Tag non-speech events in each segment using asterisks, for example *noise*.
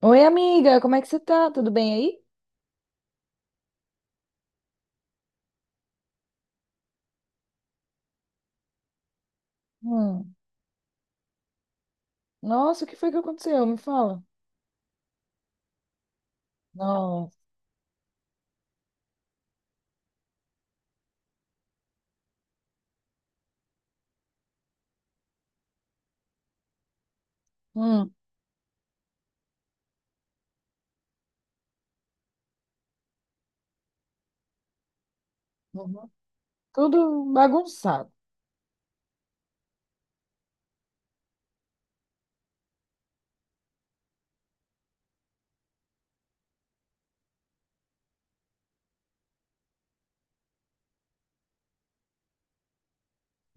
Oi, amiga, como é que você tá? Tudo bem aí? Hum. Nossa, o que foi que aconteceu? Me fala. Nossa. Hum. Uhum. Tudo bagunçado.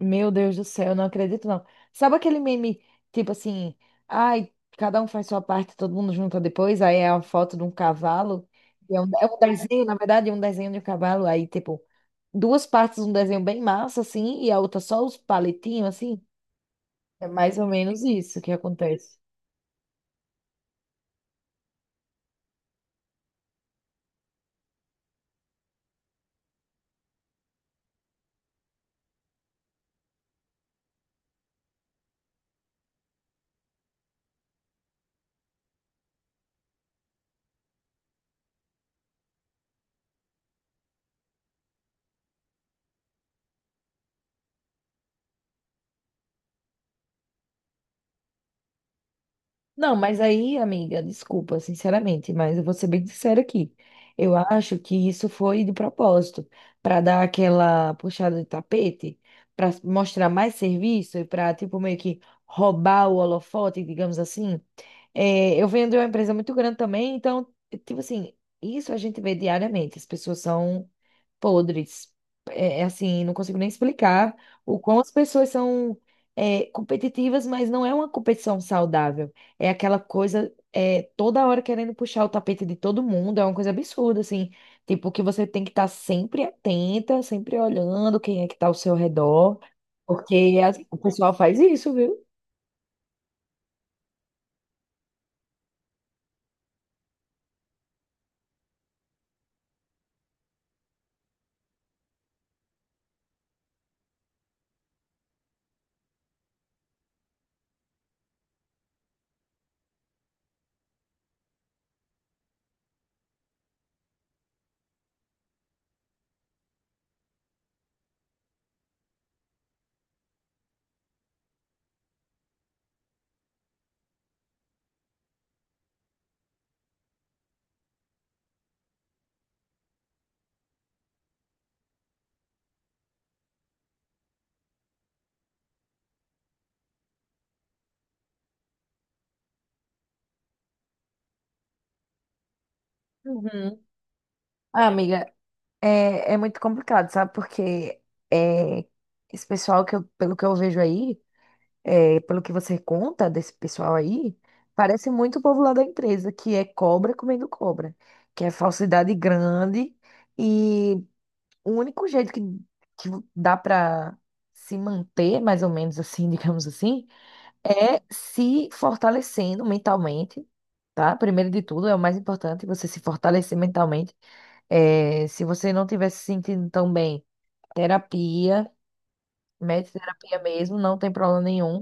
Meu Deus do céu, eu não acredito não. Sabe aquele meme, tipo assim, ai, cada um faz sua parte, todo mundo junta depois, aí é a foto de um cavalo, e é um desenho, na verdade, é um desenho de um cavalo, aí tipo, duas partes, um desenho bem massa, assim, e a outra só os palitinhos, assim. É mais ou menos isso que acontece. Não, mas aí, amiga, desculpa, sinceramente, mas eu vou ser bem sincera aqui. Eu acho que isso foi de propósito, para dar aquela puxada de tapete, para mostrar mais serviço e para, tipo, meio que roubar o holofote, digamos assim. É, eu venho de uma empresa muito grande também, então, tipo assim, isso a gente vê diariamente. As pessoas são podres. É, é assim, não consigo nem explicar o quão as pessoas são competitivas, mas não é uma competição saudável. É aquela coisa toda hora querendo puxar o tapete de todo mundo, é uma coisa absurda, assim. Tipo, que você tem que estar sempre atenta, sempre olhando quem é que está ao seu redor, porque o pessoal faz isso, viu? Uhum. Ah, amiga, é, é muito complicado, sabe? Porque é, esse pessoal que eu, pelo que eu vejo aí. É, pelo que você conta desse pessoal aí, parece muito o povo lá da empresa, que é cobra comendo cobra, que é falsidade grande e o único jeito que dá para se manter, mais ou menos assim, *laughs* digamos assim, é se fortalecendo mentalmente. Tá? Primeiro de tudo, é o mais importante você se fortalecer mentalmente. É, se você não estiver se sentindo tão bem, terapia, mete terapia mesmo, não tem problema nenhum.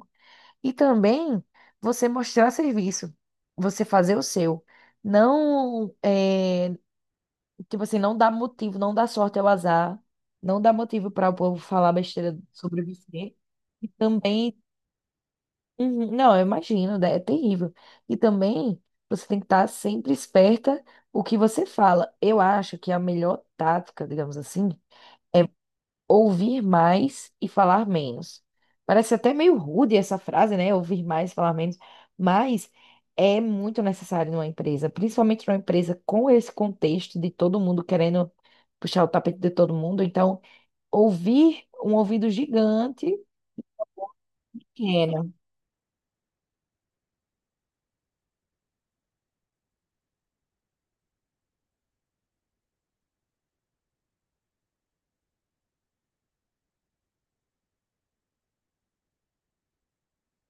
E também você mostrar serviço, você fazer o seu. Não, é, tipo assim, não dá motivo, não dá sorte ao azar, não dá motivo para o povo falar besteira sobre você. E também, uhum, não, eu imagino, né, é terrível. E também você tem que estar sempre esperta o que você fala. Eu acho que a melhor tática, digamos assim, ouvir mais e falar menos. Parece até meio rude essa frase, né? Ouvir mais e falar menos, mas é muito necessário numa empresa, principalmente numa empresa com esse contexto de todo mundo querendo puxar o tapete de todo mundo. Então, ouvir um ouvido gigante, pequeno.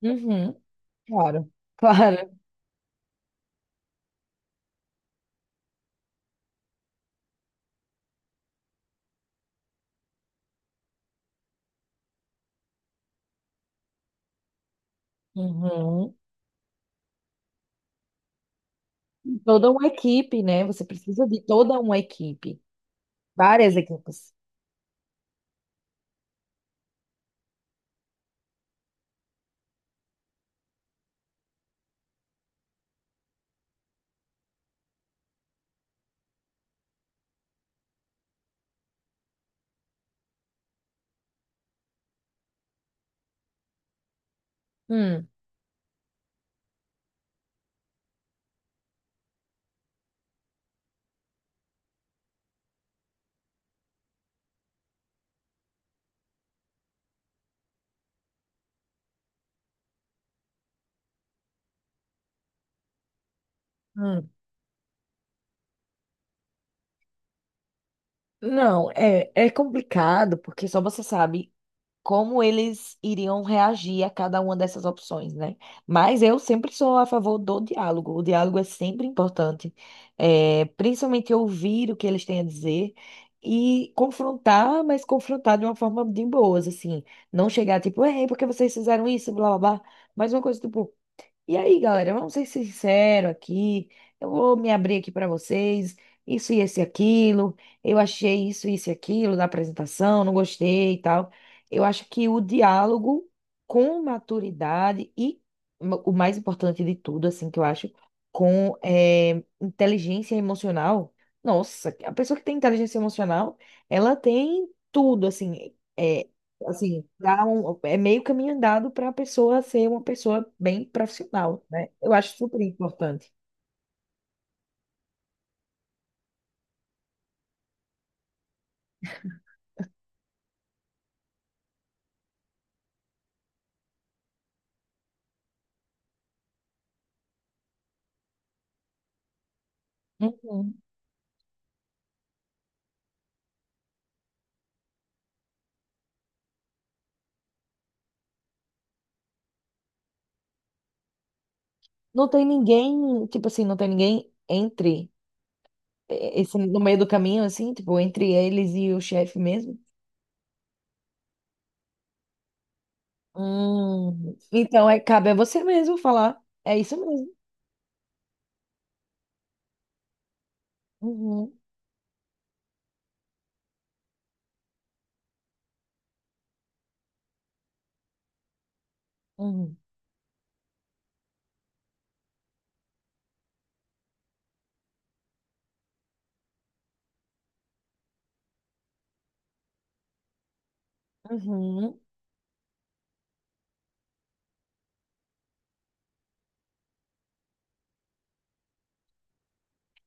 Uhum, claro, *laughs* claro. Uhum. Toda uma equipe, né? Você precisa de toda uma equipe, várias equipes. Hum, hum. Não, é, é complicado, porque só você sabe como eles iriam reagir a cada uma dessas opções, né? Mas eu sempre sou a favor do diálogo. O diálogo é sempre importante, é, principalmente ouvir o que eles têm a dizer e confrontar, mas confrontar de uma forma de boas, assim. Não chegar tipo, ei, por que vocês fizeram isso, blá blá blá. Mas uma coisa tipo, e aí, galera, vamos ser sinceros aqui. Eu vou me abrir aqui para vocês. Isso e esse e aquilo. Eu achei isso isso e aquilo na apresentação, não gostei e tal. Eu acho que o diálogo com maturidade e o mais importante de tudo, assim, que eu acho, com inteligência emocional. Nossa, a pessoa que tem inteligência emocional, ela tem tudo, assim. Assim, dá um, é meio caminho andado para a pessoa ser uma pessoa bem profissional, né? Eu acho super importante. Uhum. Não tem ninguém, tipo assim, não tem ninguém entre esse, no meio do caminho, assim, tipo, entre eles e o chefe mesmo. Então, é, cabe a você mesmo falar. É isso mesmo. Uhum, uhum, uhum.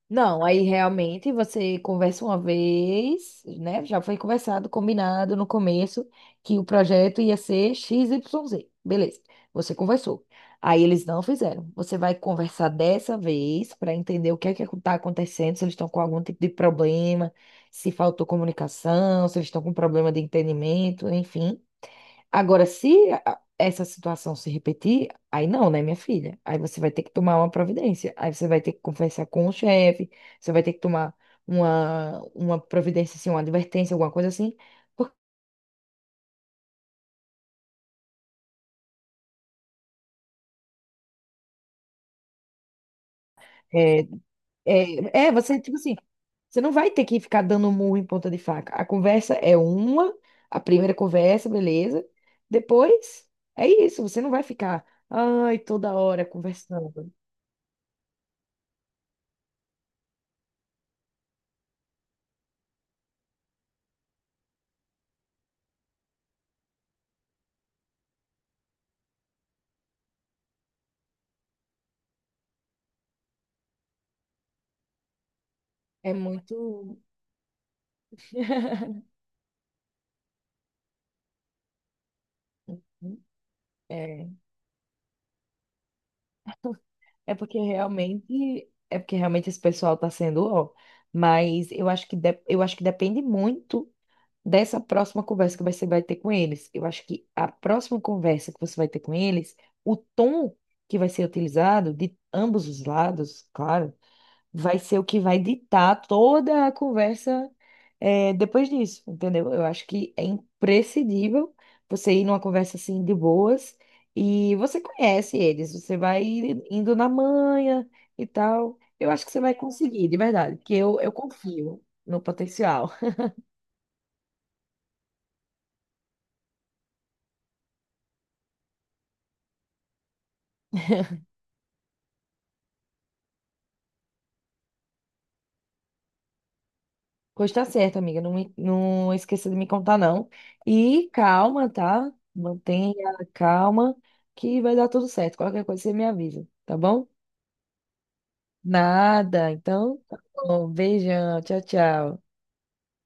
Não, aí realmente você conversa uma vez, né? Já foi conversado, combinado no começo que o projeto ia ser X XYZ. Beleza, você conversou. Aí eles não fizeram. Você vai conversar dessa vez para entender o que é que está acontecendo, se eles estão com algum tipo de problema, se faltou comunicação, se eles estão com problema de entendimento, enfim. Agora, se essa situação se repetir, aí não, né, minha filha? Aí você vai ter que tomar uma providência. Aí você vai ter que conversar com o chefe, você vai ter que tomar uma providência, assim, uma advertência, alguma coisa assim. Por- é, é, é, você, tipo assim, você não vai ter que ficar dando murro em ponta de faca. A conversa é uma, a primeira conversa, beleza. Depois, é isso, você não vai ficar, ai, toda hora conversando. É muito. *laughs* É. É porque realmente esse pessoal tá sendo, ó, mas eu acho que eu acho que depende muito dessa próxima conversa que você vai ter com eles. Eu acho que a próxima conversa que você vai ter com eles, o tom que vai ser utilizado de ambos os lados, claro, vai ser o que vai ditar toda a conversa depois disso, entendeu? Eu acho que é imprescindível você ir numa conversa assim de boas e você conhece eles, você vai indo na manha e tal. Eu acho que você vai conseguir, de verdade, porque eu confio no potencial. Pois tá certo, amiga, não, não esqueça de me contar, não. E calma, tá? Mantenha a calma, que vai dar tudo certo. Qualquer coisa você me avisa, tá bom? Nada. Então, tá bom. Beijão. Tchau, tchau.